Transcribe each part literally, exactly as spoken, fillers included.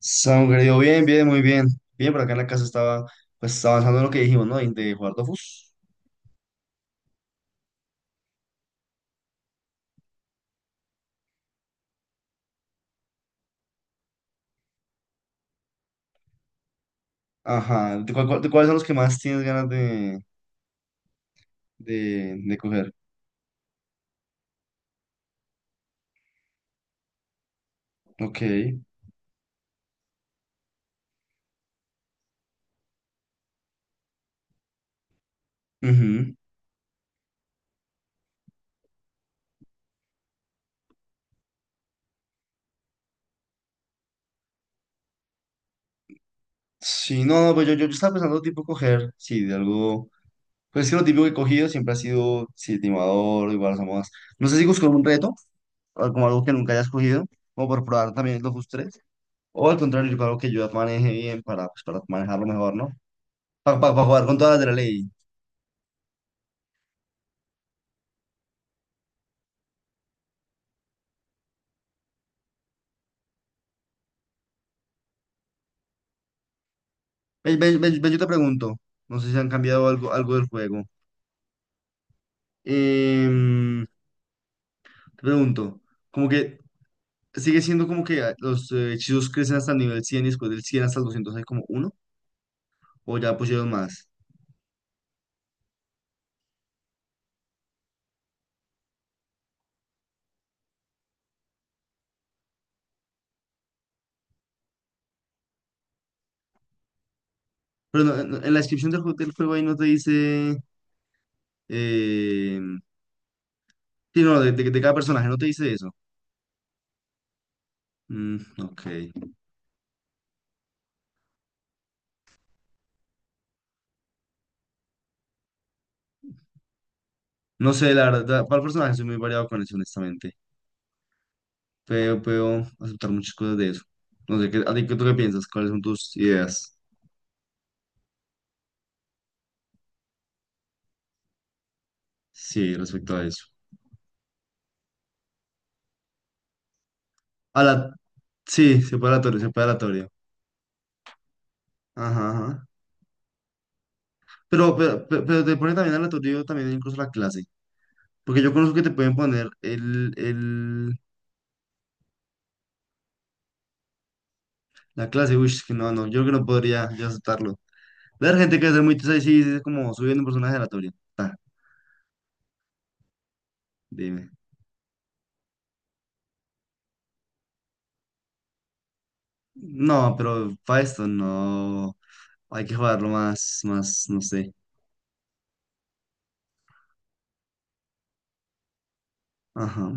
Samu, querido, bien, bien, muy bien. Bien, por acá en la casa estaba pues avanzando en lo que dijimos, ¿no? Y De jugar Dofus. Ajá. ¿De, cuál- cuál- de cuáles son los que más tienes ganas de, de, de coger? Ok. Ujú. Sí, no, no, pues yo, yo, yo estaba pensando tipo coger, sí, de algo. Pues es que lo típico que he cogido siempre ha sido, sí, timador, igual somos. No sé si busco algún reto, o como algo que nunca hayas cogido, como por probar también el Dofus tres. O al contrario, yo creo que yo maneje bien para, pues, para manejarlo mejor, ¿no? Para, para, jugar con todas las de la ley. Ven, ven, ven, ven, yo te pregunto, no sé si han cambiado algo, algo del juego. Em, te pregunto, como que sigue siendo como que ah, los eh, hechizos crecen hasta el nivel cien y después del cien hasta el doscientos hay como uno, o ya pusieron más. Pero no, no, en la descripción del, jue- del juego ahí no te dice, em, sí, no, de, de- de cada personaje no te dice eso. Mm, ok. No sé, la verdad, para el personaje soy muy variado con eso, honestamente. Puedo, puedo aceptar muchas cosas de eso. No sé, ¿qué, a ti qué- tú qué piensas? ¿Cuáles son tus ideas? Sí, respecto a eso. A la, sí, se puede aleatorio, se separatorio, separatorio. Ajá, ajá. Pero, pero, pe- pero te ponen también aleatorio también incluso la clase. Porque yo conozco que te pueden poner el, el, la clase. Uy, es que no, no, yo creo que no podría yo aceptarlo. La gente que hace muy tesa y sí, es como subiendo un personaje aleatorio. Ta, dime. No, pero para esto no. Hay que jugarlo más, más, no sé. Ajá,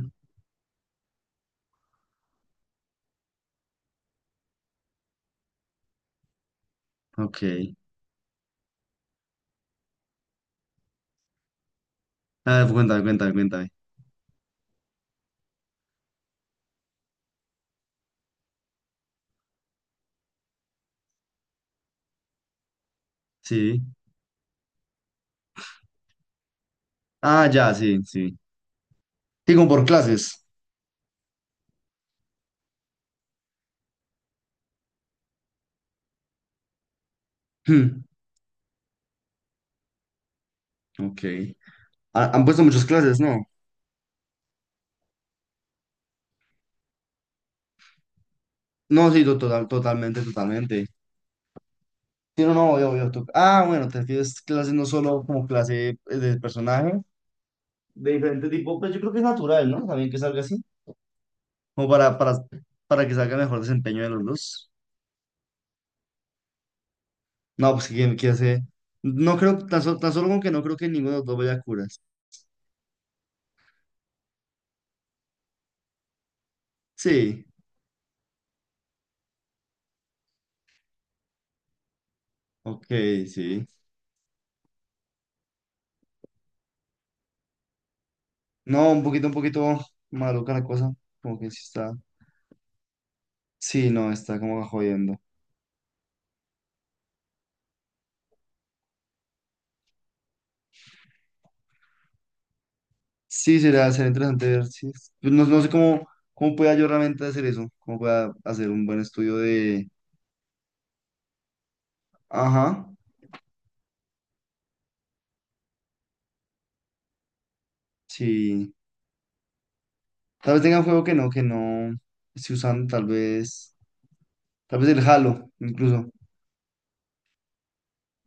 ok. A ver, cuéntame, cuéntame, cuéntame. Sí. Ah, ya, sí, sí. Digo, por clases. Hmm. Ok. Ha- Han puesto muchas clases, ¿no? No, sí, to- total, totalmente, totalmente. Sí, no, no, yo yo to- ah, bueno, te refieres clases no solo como clase eh, de personaje, de diferente tipo, pues yo creo que es natural, ¿no? También que salga así, como para, para, para que salga mejor desempeño de los dos. No, pues que, que hace. No creo, tan, so- tan solo como que no creo que ninguno de los dos vaya a curas. Sí, ok, sí. No, un poquito, un poquito maluca la cosa, como que sí está. Sí, no, está como jodiendo. Sí, será, será interesante ver si es- pues no, no sé cómo, cómo, pueda yo realmente hacer eso, cómo pueda hacer un buen estudio de. Ajá, sí. Tal vez tenga un juego que no, que no estoy usando, tal vez, tal vez el Halo, incluso.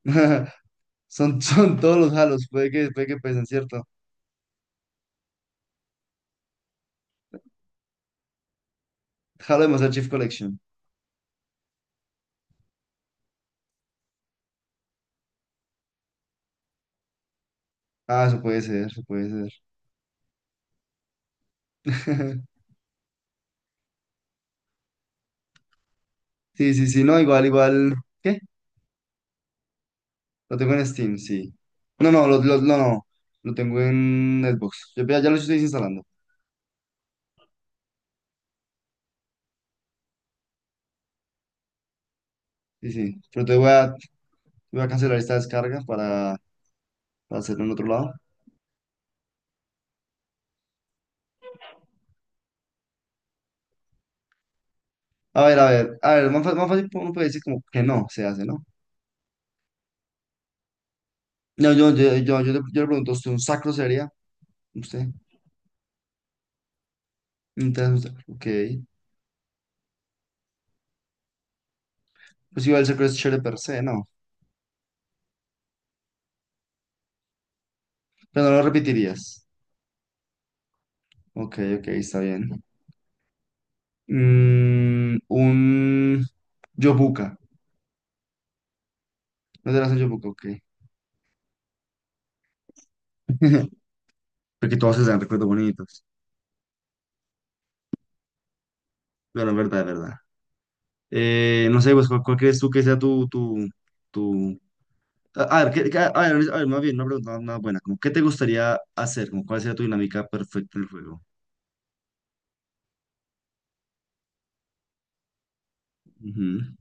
Son, son todos los Halos, puede que, puede que pesen, ¿cierto? Halo de Master Chief Collection. Ah, eso puede ser, eso puede ser. Sí, sí, sí, no, igual, igual. ¿Qué? Lo tengo en Steam, sí. No, no, lo, lo- no, no, lo tengo en Xbox. Yo ya, ya lo estoy desinstalando. Sí, sí. Pero te voy a, voy a cancelar esta descarga para, para hacerlo en otro lado. A ver, a ver, a ver, más, fa- más fácil uno puede decir como que no se hace, ¿no? No, yo, yo, yo, yo, le, yo le pregunto, ¿usted un sacro sería? ¿Usted? Entonces, usted, ok. Pues igual el sacro es chévere per se, ¿no? Pero no lo repetirías. Ok, ok, está bien. Mm, un yobuca. No serás un yobuca, ok. Porque todos se dan recuerdos bonitos. Pero en verdad, es verdad. Eh, no sé, pues, ¿cuál, cuál crees tú que sea tu, tu, A a ver, ¿qué- qué- a ver, a ver, más bien, una pregunta más más buena. Como, ¿qué te gustaría hacer? Como, ¿cuál sería tu dinámica perfecta en el juego? Ujú.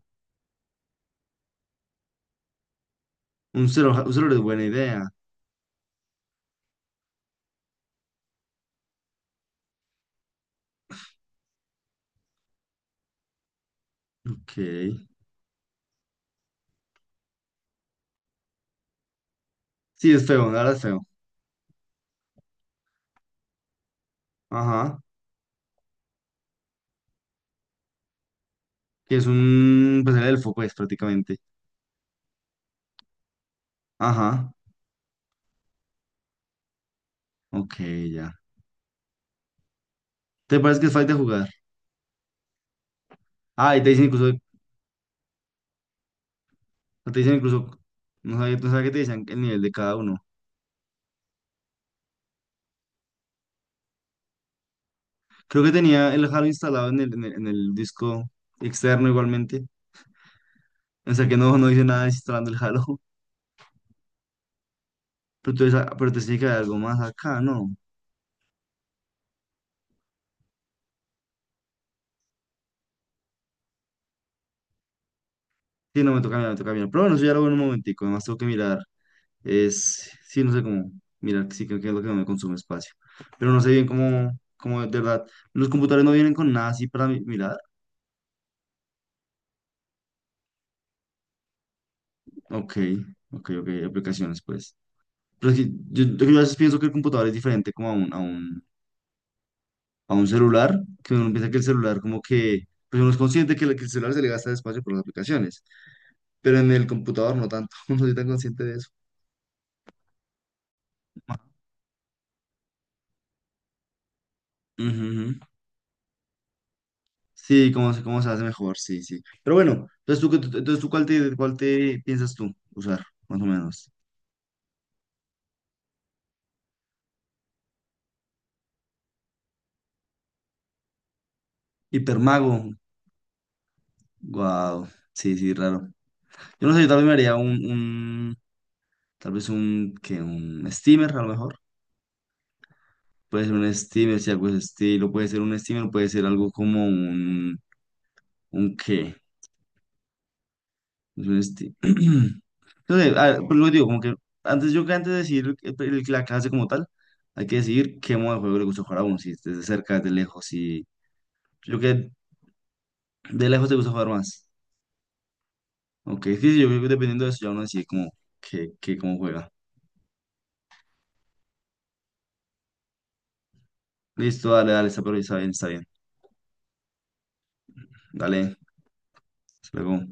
Un celular, un celular es buena idea. Ok. Sí, es feo, la verdad es feo. Ajá. Que es un, pues el elfo, pues, prácticamente. Ajá. Ok, ya. ¿Te parece que es fácil de jugar? Ah, y te dicen incluso, te dicen incluso, no sabía, no sabía que te decían el nivel de cada uno. Creo que tenía el Halo instalado en el, en el, en el disco externo igualmente. O sea que no, no hice nada instalando el Halo. Pero entonces, ah, pero te tiene que haber algo más acá, ¿no? Sí, no me toca mirar, me toca mirar. Pero bueno, eso ya lo veo en un momentico. Además, tengo que mirar. Es, sí, no sé cómo. Mirar, sí, creo que es lo que no me consume espacio. Pero no sé bien cómo, cómo de verdad. Los computadores no vienen con nada así para mi- mirar. Ok, ok, ok. Aplicaciones, pues. Pero es que yo, yo a veces pienso que el computador es diferente como a un, a un, a un celular. Que uno piensa que el celular, como que. Pues uno es consciente que, el- que el celular se le gasta espacio por las aplicaciones. Pero en el computador no tanto. No soy tan consciente de eso. Ujú. Sí, cómo se, cómo se hace mejor, sí, sí. Pero bueno, entonces tú, qué- tú- entonces tú cuál te, cuál te piensas tú usar, más o menos. Hipermago, wow, sí, sí, raro. Yo no sé, yo también me haría un, un tal vez un, que un steamer, a lo mejor. Puede ser un steamer, si algo es estilo, puede ser un steamer, puede ser algo como un, un qué, es un steamer. Entonces, a ver, pues lo que digo, como que antes yo que antes de decir el- el- la clase como tal, hay que decidir qué modo de juego le gusta jugar a uno, si es desde cerca, desde lejos, si. Yo que de lejos te gusta jugar más. Ok, sí, sí, yo creo que dependiendo de eso ya uno decide cómo, qué, qué, cómo juega. Listo, dale, dale, está, pero está bien, está bien. Dale, hasta luego.